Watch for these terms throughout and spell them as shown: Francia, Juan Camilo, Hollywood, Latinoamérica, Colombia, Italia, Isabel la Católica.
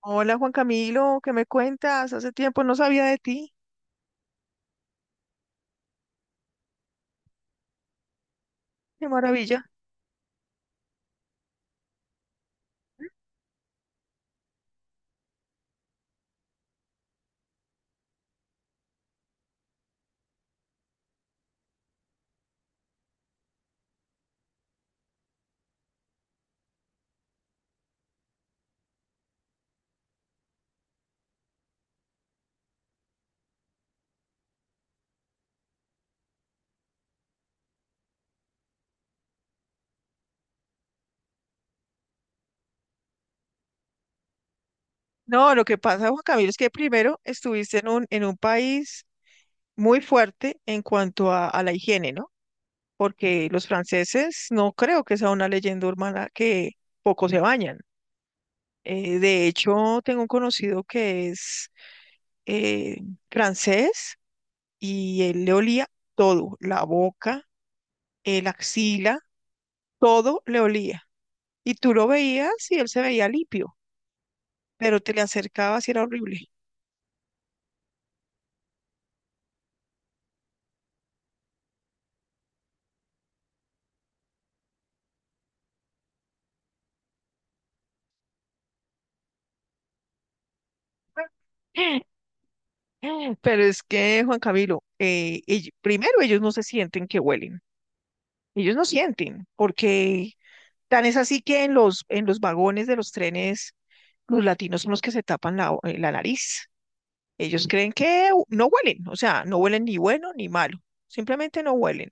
Hola Juan Camilo, ¿qué me cuentas? Hace tiempo no sabía de ti. Qué maravilla. No, lo que pasa, Juan Camilo, es que primero estuviste en un país muy fuerte en cuanto a la higiene, ¿no? Porque los franceses no creo que sea una leyenda urbana que poco se bañan. De hecho, tengo un conocido que es eh, francés y él le olía todo, la boca, el axila, todo le olía. Y tú lo veías y él se veía limpio. Pero te le acercabas y era horrible. Pero es que, Juan Camilo, primero ellos no se sienten que huelen, ellos no sienten, porque tan es así que en los vagones de los trenes los latinos son los que se tapan la nariz. Ellos creen que no huelen, o sea, no huelen ni bueno ni malo, simplemente no huelen.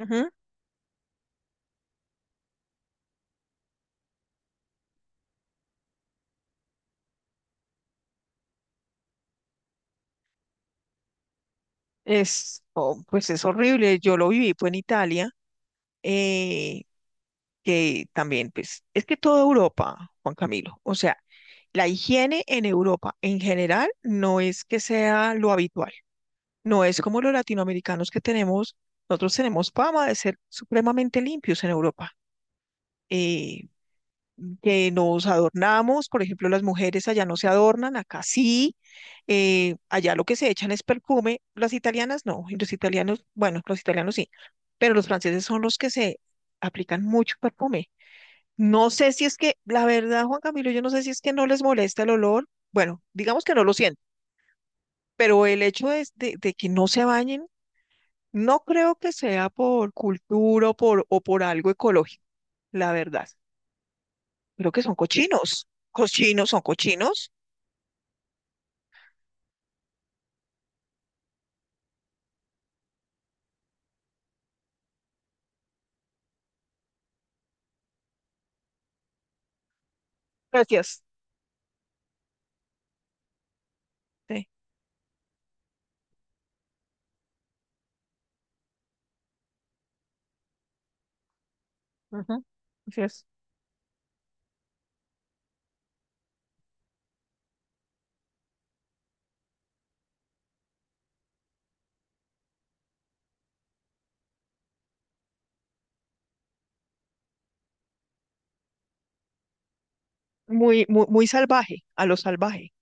Ujú. Oh, pues es horrible, yo lo viví fue en Italia, eh, que también, pues, es que toda Europa, Juan Camilo, o sea, la higiene en Europa en general no es que sea lo habitual, no es como los latinoamericanos que tenemos, nosotros tenemos fama de ser supremamente limpios en Europa, eh, que nos adornamos, por ejemplo, las mujeres allá no se adornan, acá sí, allá lo que se echan es perfume, las italianas no, y los italianos, bueno, los italianos sí, pero los franceses son los que se aplican mucho perfume. No sé si es que, la verdad, Juan Camilo, yo no sé si es que no les molesta el olor. Bueno, digamos que no lo sienten, pero el hecho es de que no se bañen, no creo que sea por cultura o o por algo ecológico, la verdad. Creo que son cochinos. Cochinos, son cochinos. Gracias. Sí. Ujú, así. Muy, muy, muy salvaje, a lo salvaje.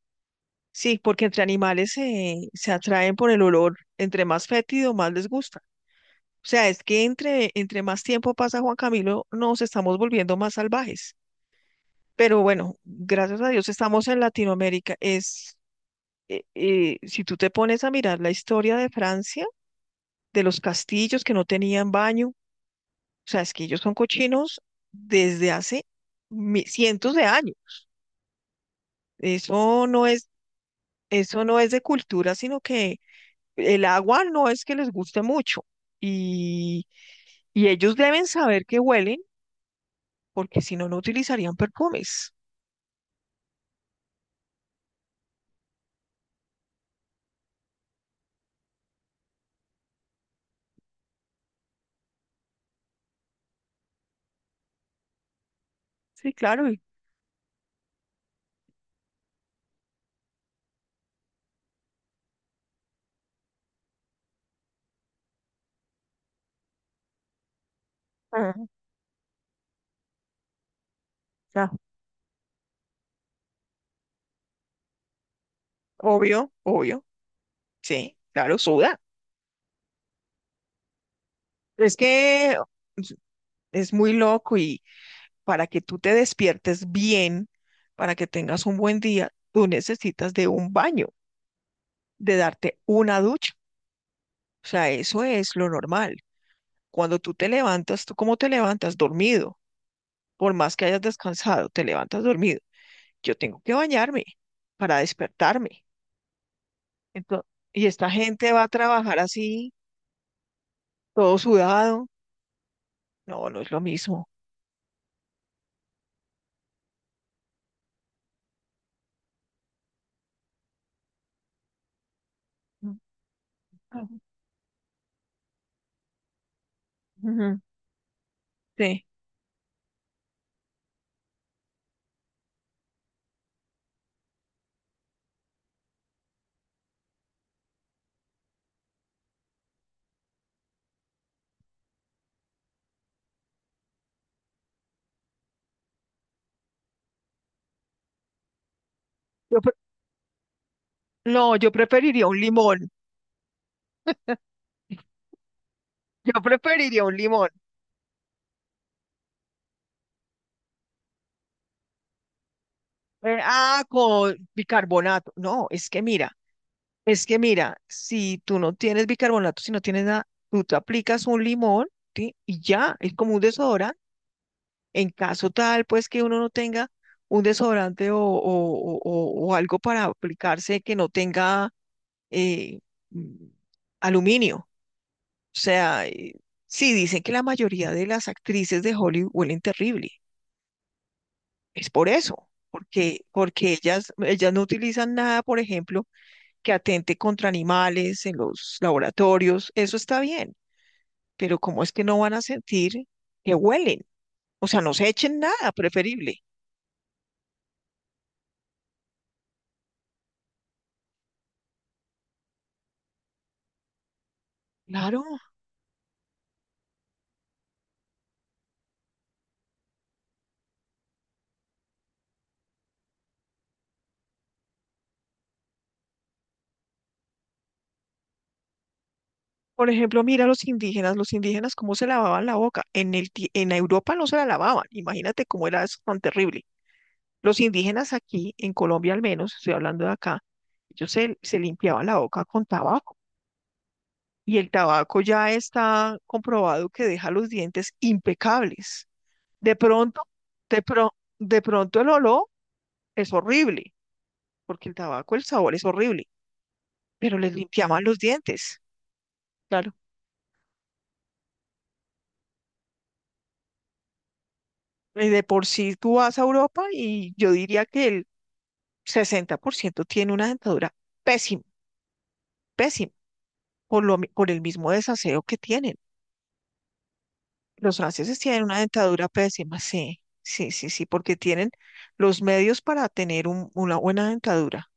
Sí, porque entre animales se atraen por el olor. Entre más fétido, más les gusta. O sea, es que entre, más tiempo pasa Juan Camilo, nos estamos volviendo más salvajes. Pero bueno, gracias a Dios estamos en Latinoamérica. Si tú te pones a mirar la historia de Francia, de los castillos que no tenían baño, o sea, es que ellos son cochinos desde hace cientos de años. Eso no es, eso no es de cultura, sino que el agua no es que les guste mucho. Y, y ellos deben saber que huelen porque si no, no utilizarían perfumes. Sí, claro. Ah, claro. Obvio, obvio. Sí, claro, suda. Es que es muy loco y para que tú te despiertes bien, para que tengas un buen día, tú necesitas de un baño, de darte una ducha. O sea, eso es lo normal. Cuando tú te levantas, ¿tú cómo te levantas? Dormido. Por más que hayas descansado, te levantas dormido. Yo tengo que bañarme para despertarme. Entonces, y esta gente va a trabajar así, todo sudado. No, no es lo mismo. Mm. Ujú, sí. Yo pre- no, yo preferiría un limón. Yo preferiría un limón. Con bicarbonato. No, es que mira, si tú no tienes bicarbonato, si no tienes nada, tú te aplicas un limón, ¿sí? Y ya, es como un desodorante. En caso tal, pues que uno no tenga un desodorante o algo para aplicarse que no tenga eh, mm, aluminio. O sea, sí, dicen que la mayoría de las actrices de Hollywood huelen terrible. Es por eso, porque ellas no utilizan nada, por ejemplo, que atente contra animales en los laboratorios. Eso está bien, pero ¿cómo es que no van a sentir que huelen? O sea, no se echen nada, preferible. Claro. Por ejemplo, mira los indígenas cómo se lavaban la boca. En Europa no se la lavaban. Imagínate cómo era eso tan terrible. Los indígenas aquí, en Colombia al menos, estoy hablando de acá, ellos se limpiaban la boca con tabaco y el tabaco ya está comprobado que deja los dientes impecables. De pronto, de pronto el olor es horrible, porque el tabaco, el sabor es horrible, pero les limpiaban los dientes. Claro. Y de por sí tú vas a Europa y yo diría que el 60% tiene una dentadura pésima, pésima, por el mismo desaseo que tienen. Los franceses tienen una dentadura pésima, sí, sí, sí, sí, porque tienen los medios para tener una buena dentadura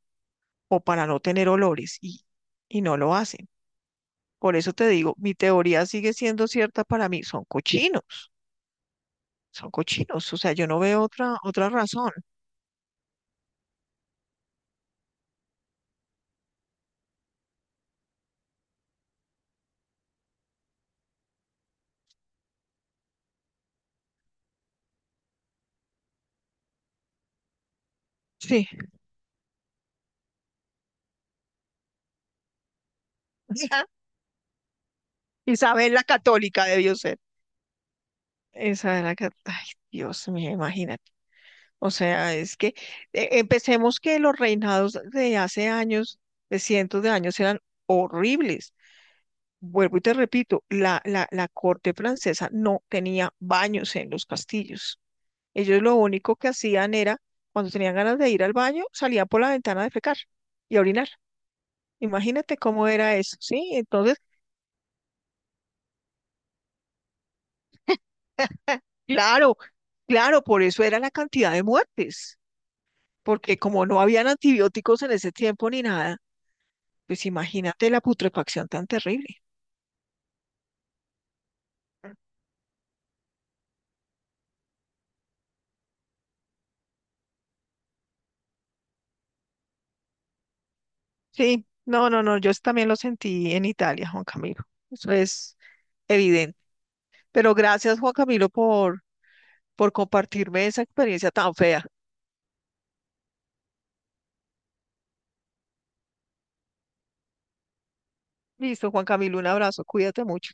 o para no tener olores y no lo hacen. Por eso te digo, mi teoría sigue siendo cierta para mí, son cochinos, o sea, yo no veo otra, otra razón. Sí, Isabel la Católica debió ser. Isabel la Católica, ay, Dios mío, imagínate. O sea, es que empecemos que los reinados de hace años, de cientos de años, eran horribles. Vuelvo y te repito, la corte francesa no tenía baños en los castillos. Ellos lo único que hacían era, cuando tenían ganas de ir al baño, salían por la ventana a defecar y a orinar. Imagínate cómo era eso, ¿sí? Entonces, claro, claro, por eso era la cantidad de muertes, porque como no habían antibióticos en ese tiempo ni nada. Pues imagínate la putrefacción tan terrible. Sí, no, no, no, yo eso también lo sentí en Italia, Juan Camilo. Eso es evidente. Pero gracias, Juan Camilo, por compartirme esa experiencia tan fea. Listo, Juan Camilo, un abrazo, cuídate mucho.